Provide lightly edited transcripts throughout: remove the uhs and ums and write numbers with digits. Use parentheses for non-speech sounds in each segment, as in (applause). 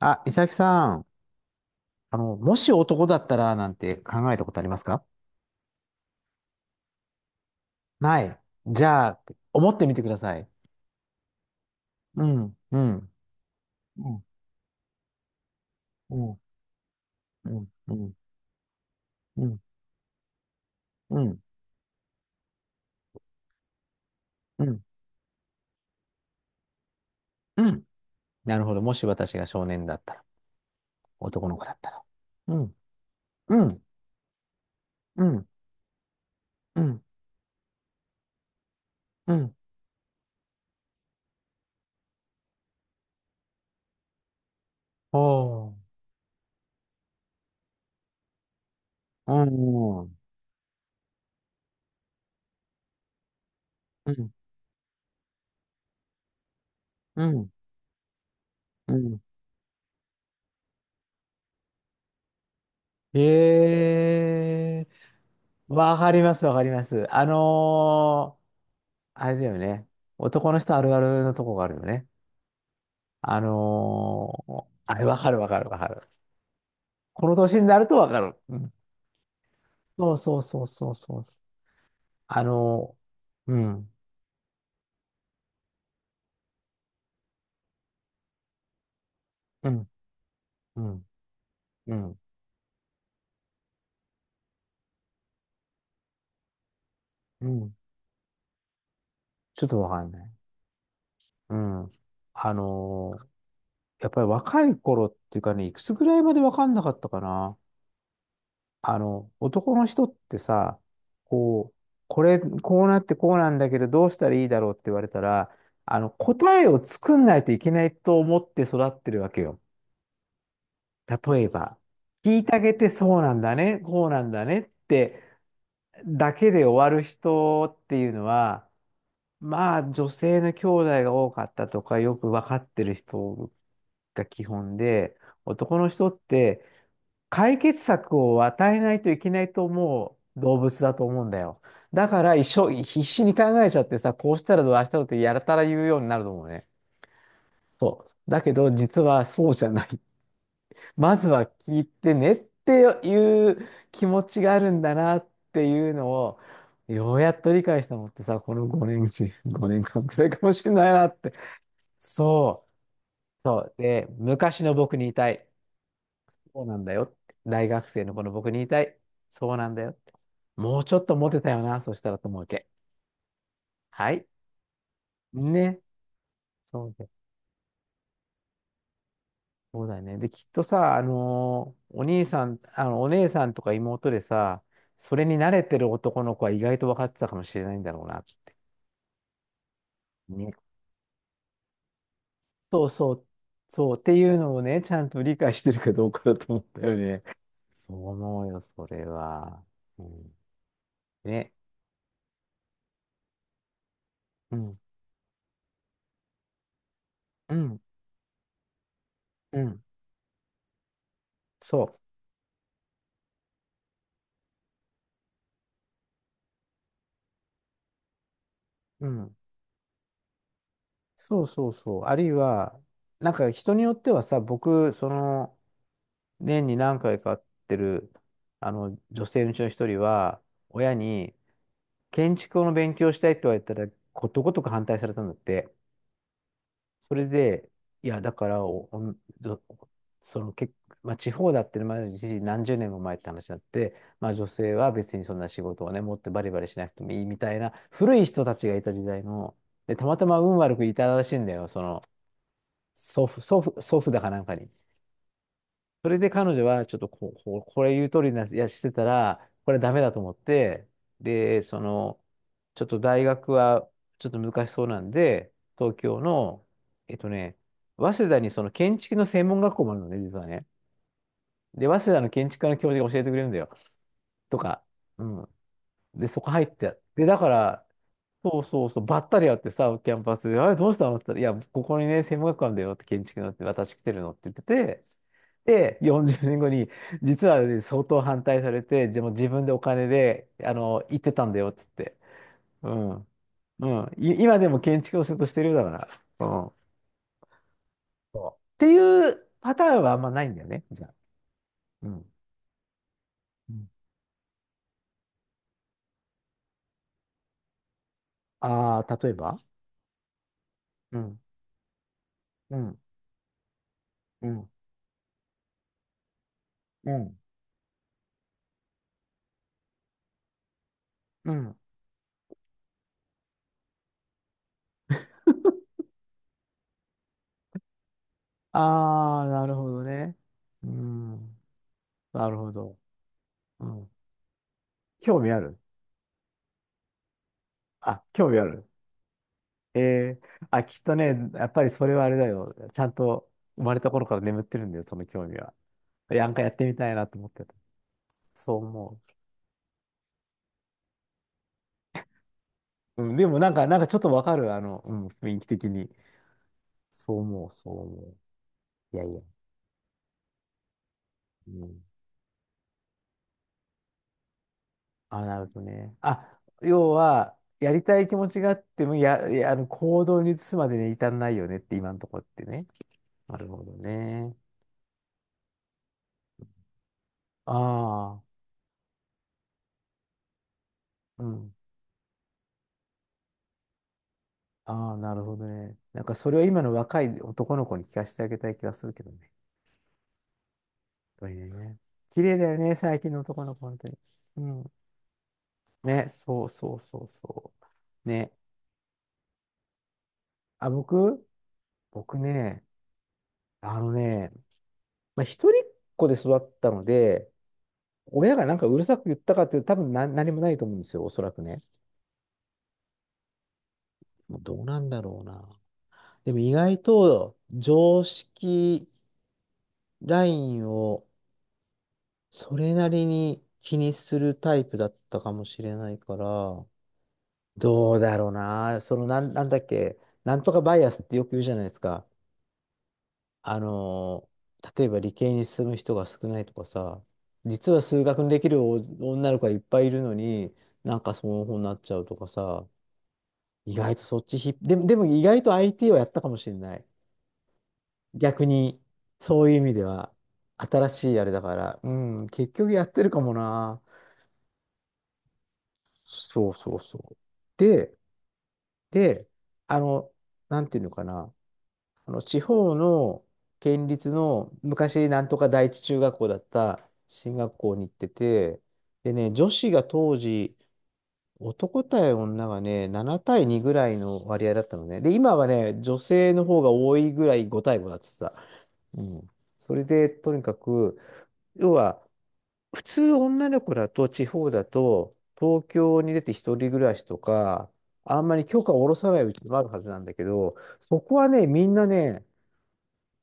あ、美咲さん、もし男だったらなんて考えたことありますか？ない。じゃあ、思ってみてください。うん、うん、うん、うん、うん、うん、うん、うん、うん。うん、なるほど。もし私が少年だったら、男の子だったら。うん、うん、うん、うん、うん。おー、うん、うん、うん、うん。えー、わかります、わかります。あれだよね。男の人あるあるのとこがあるよね。あれ、わかるわかるわかる。この年になるとわかる。うん。そうそうそうそうそう。あのうん、うん、うん、うん、うん。ちょっとわかんない。うん。あのーやっぱり若い頃っていうかね、いくつぐらいまでわかんなかったかな。男の人ってさ、こう、こうなってこうなんだけど、どうしたらいいだろうって言われたら、答えを作んないといけないと思って育ってるわけよ。例えば、聞いてあげてそうなんだね、こうなんだねってだけで終わる人っていうのは、まあ、女性の兄弟が多かったとか、よくわかってる人が基本で、男の人って、解決策を与えないといけないと思う動物だと思うんだよ。だから一生必死に考えちゃってさ、こうしたらどう、ああしたらどうってやたら言うようになると思うね。そう。だけど実はそうじゃない。(laughs) まずは聞いてねっていう気持ちがあるんだなっていうのを、ようやっと理解したのってさ、この5年、5年間くらいかもしれないなって。そう。そう。で、昔の僕に言いたい。そうなんだよって。大学生のこの僕に言いたい。そうなんだよ。もうちょっとモテたよな、そしたらと思うわけ。はい。ね。そうで、そうだよね。で、きっとさ、お兄さん、お姉さんとか妹でさ、それに慣れてる男の子は意外と分かってたかもしれないんだろうなって。ね。そうそう、そうっていうのをね、ちゃんと理解してるかどうかだと思ったよね。そう思うよ、それは。うん、ね。うん、うん、うん。そう。うん。そうそうそう。あるいは、なんか人によってはさ、僕、年に何回か会ってる、女性のうちの一人は、親に、建築の勉強したいって言われたら、ことごとく反対されたんだって。それで、いや、だからお、おんどその、け、まあ、地方だってのもあるし、何十年も前って話になって、まあ、女性は別にそんな仕事をね、持ってバリバリしなくてもいいみたいな、古い人たちがいた時代の、で、たまたま運悪くいたらしいんだよ、祖父だかなんかに。それで彼女はちょっとこうこれ言う通りな、やしてたら、これダメだと思って、で、ちょっと大学はちょっと難しそうなんで、東京の、えっとね、早稲田にその建築の専門学校もあるのね、実はね。で、早稲田の建築科の教授が教えてくれるんだよ。とか、うん。で、そこ入って、で、だから、そうそうそう、ばったり会ってさ、キャンパスで、あれどうしたのって言ったら、いや、ここにね、専門学館だよって建築のって、私来てるのって言ってて、で、40年後に、実はね、相当反対されて、でも自分でお金で、行ってたんだよって言って。うん。うん。今でも建築の仕事してるようだから。うん。そうっていうパターンはあんまないんだよね、じゃあ。うん。ああー、例えば、うん。うん。うん。うん。うん。ああ、なるほどね。うん。なるほど。うん。興味ある。興味ある。ええあ、きっとね、やっぱりそれはあれだよ。ちゃんと生まれた頃から眠ってるんだよ、その興味は。なんかやってみたいなと思ってた。そう思う。うん、でもなんか、ちょっとわかる、うん、雰囲気的に。そう思う、そう思う。いやいや。うん。あ、なるほどね。あ、要は、やりたい気持ちがあっても、いや、行動に移すまでに至らないよねって、今のところってね。なるほどね。ああ、うん。ああ、なるほどね。なんかそれを今の若い男の子に聞かせてあげたい気がするけどね。やっぱね。綺麗だよね、最近の男の子、本当に。うん。ね、そうそうそうそう。ね。あ、僕ね、あのね、まあ、一人っ子で育ったので、親がなんかうるさく言ったかっていうと多分な、何もないと思うんですよ、おそらくね。もうどうなんだろうな。でも意外と常識ラインをそれなりに気にするタイプだったかもしれないから、どうだろうな。なんだっけ、なんとかバイアスってよく言うじゃないですか。あの例えば理系に進む人が少ないとかさ、実は数学にできるお女の子がいっぱいいるのに、なんかその方になっちゃうとかさ、意外とそっちでも意外と IT はやったかもしれない。逆に、そういう意味では、新しいあれだから、うん、結局やってるかもな。そうそうそう。で、で、あの、なんていうのかな、あの地方の県立の昔なんとか第一中学校だった進学校に行ってて、でね、女子が当時、男対女がね、7対2ぐらいの割合だったのね。で、今はね、女性の方が多いぐらい5対5だってさ。うん。それで、とにかく、要は、普通女の子だと地方だと東京に出て一人暮らしとかあんまり許可を下ろさないうちもあるはずなんだけど、そこはね、みんなね、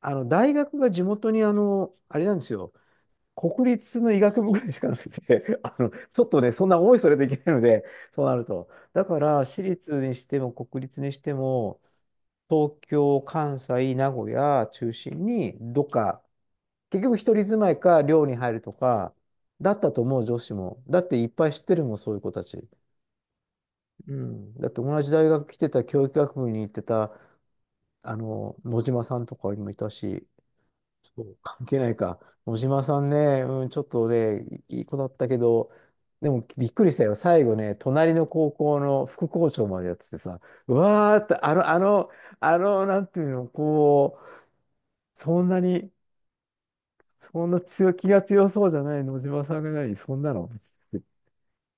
あの大学が地元に、あのあれなんですよ、国立の医学部ぐらいしかなくて (laughs) あの、ちょっとね、そんな思いそれといけないので、そうなるとだから私立にしても国立にしても東京関西名古屋中心にどっか、結局一人住まいか寮に入るとか、だったと思う女子も。だっていっぱい知ってるもん、そういう子たち。うん。だって同じ大学来てた、教育学部に行ってた、野島さんとかにもいたし、そう関係ないか。野島さんね、うん、ちょっとね、いい子だったけど、でもびっくりしたよ。最後ね、隣の高校の副校長までやっててさ、うわーって、なんていうの、こう、そんなにそんな強気が強そうじゃない野島さんが何そんなの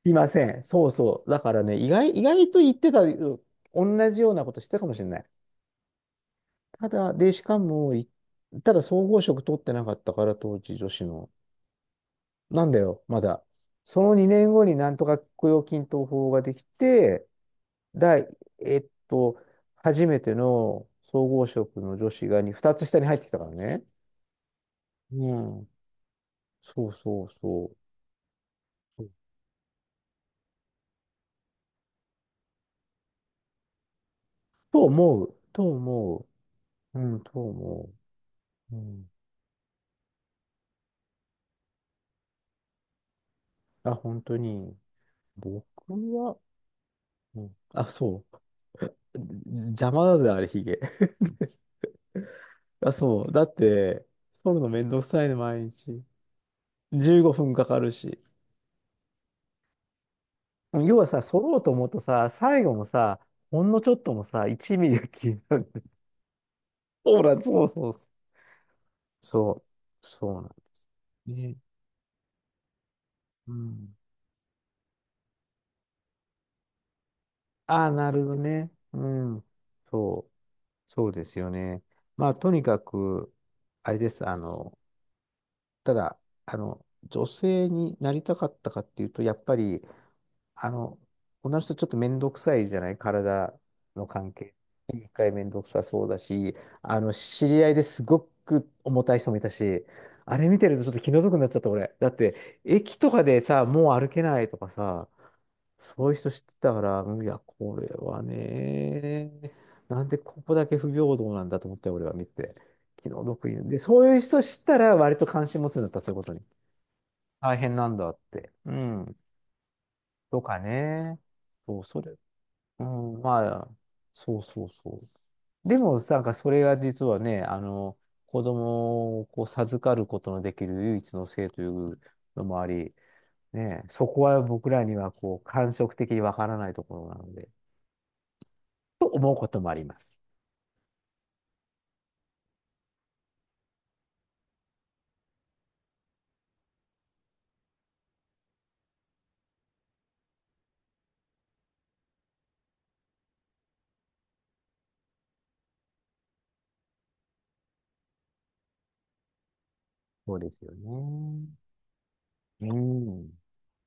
いません。そうそう。だからね、意外と言ってた、同じようなことしてたかもしれない。ただ、で、しかも、ただ総合職取ってなかったから、当時女子の。なんだよ、まだ。その2年後になんとか雇用均等法ができて、第、えっと、初めての総合職の女子が2、二つ下に入ってきたからね。うん。そうそうそう。と思う。と思う。うん、と思う。うん。あ、本当に。僕は、うん、あ、そう。邪魔だぜ、あれ、ヒゲ。(laughs) あ、そう。だって、剃るのめんどくさいね、毎日。15分かかるし。要はさ、剃ろうと思うとさ、最後もさ、ほんのちょっともさ、1ミリが消える。(laughs) ほら、そうそうそう。そう。そうなんですね。うん。ああ、なるほどね。うん。そう。そうですよね。まあ、とにかく、あれです。ただ、女性になりたかったかっていうと、やっぱり、あの、女の人ちょっと面倒くさいじゃない体の関係。一回面倒くさそうだし、知り合いですごく重たい人もいたし、あれ見てるとちょっと気の毒になっちゃった俺。だって、駅とかでさ、もう歩けないとかさ、そういう人知ってたから、いや、これはね、なんでここだけ不平等なんだと思って、俺は見て。気の毒に。で、そういう人知ったら、割と関心持つんだった、そういうことに。大変なんだって。うん。とかね。そう、それ。うん、まあ、そうそうそう。でも、なんかそれが実はね、子供をこう授かることのできる唯一の性というのもあり、ね、そこは僕らにはこう感触的にわからないところなので、と思うこともあります。そうですよね。うん。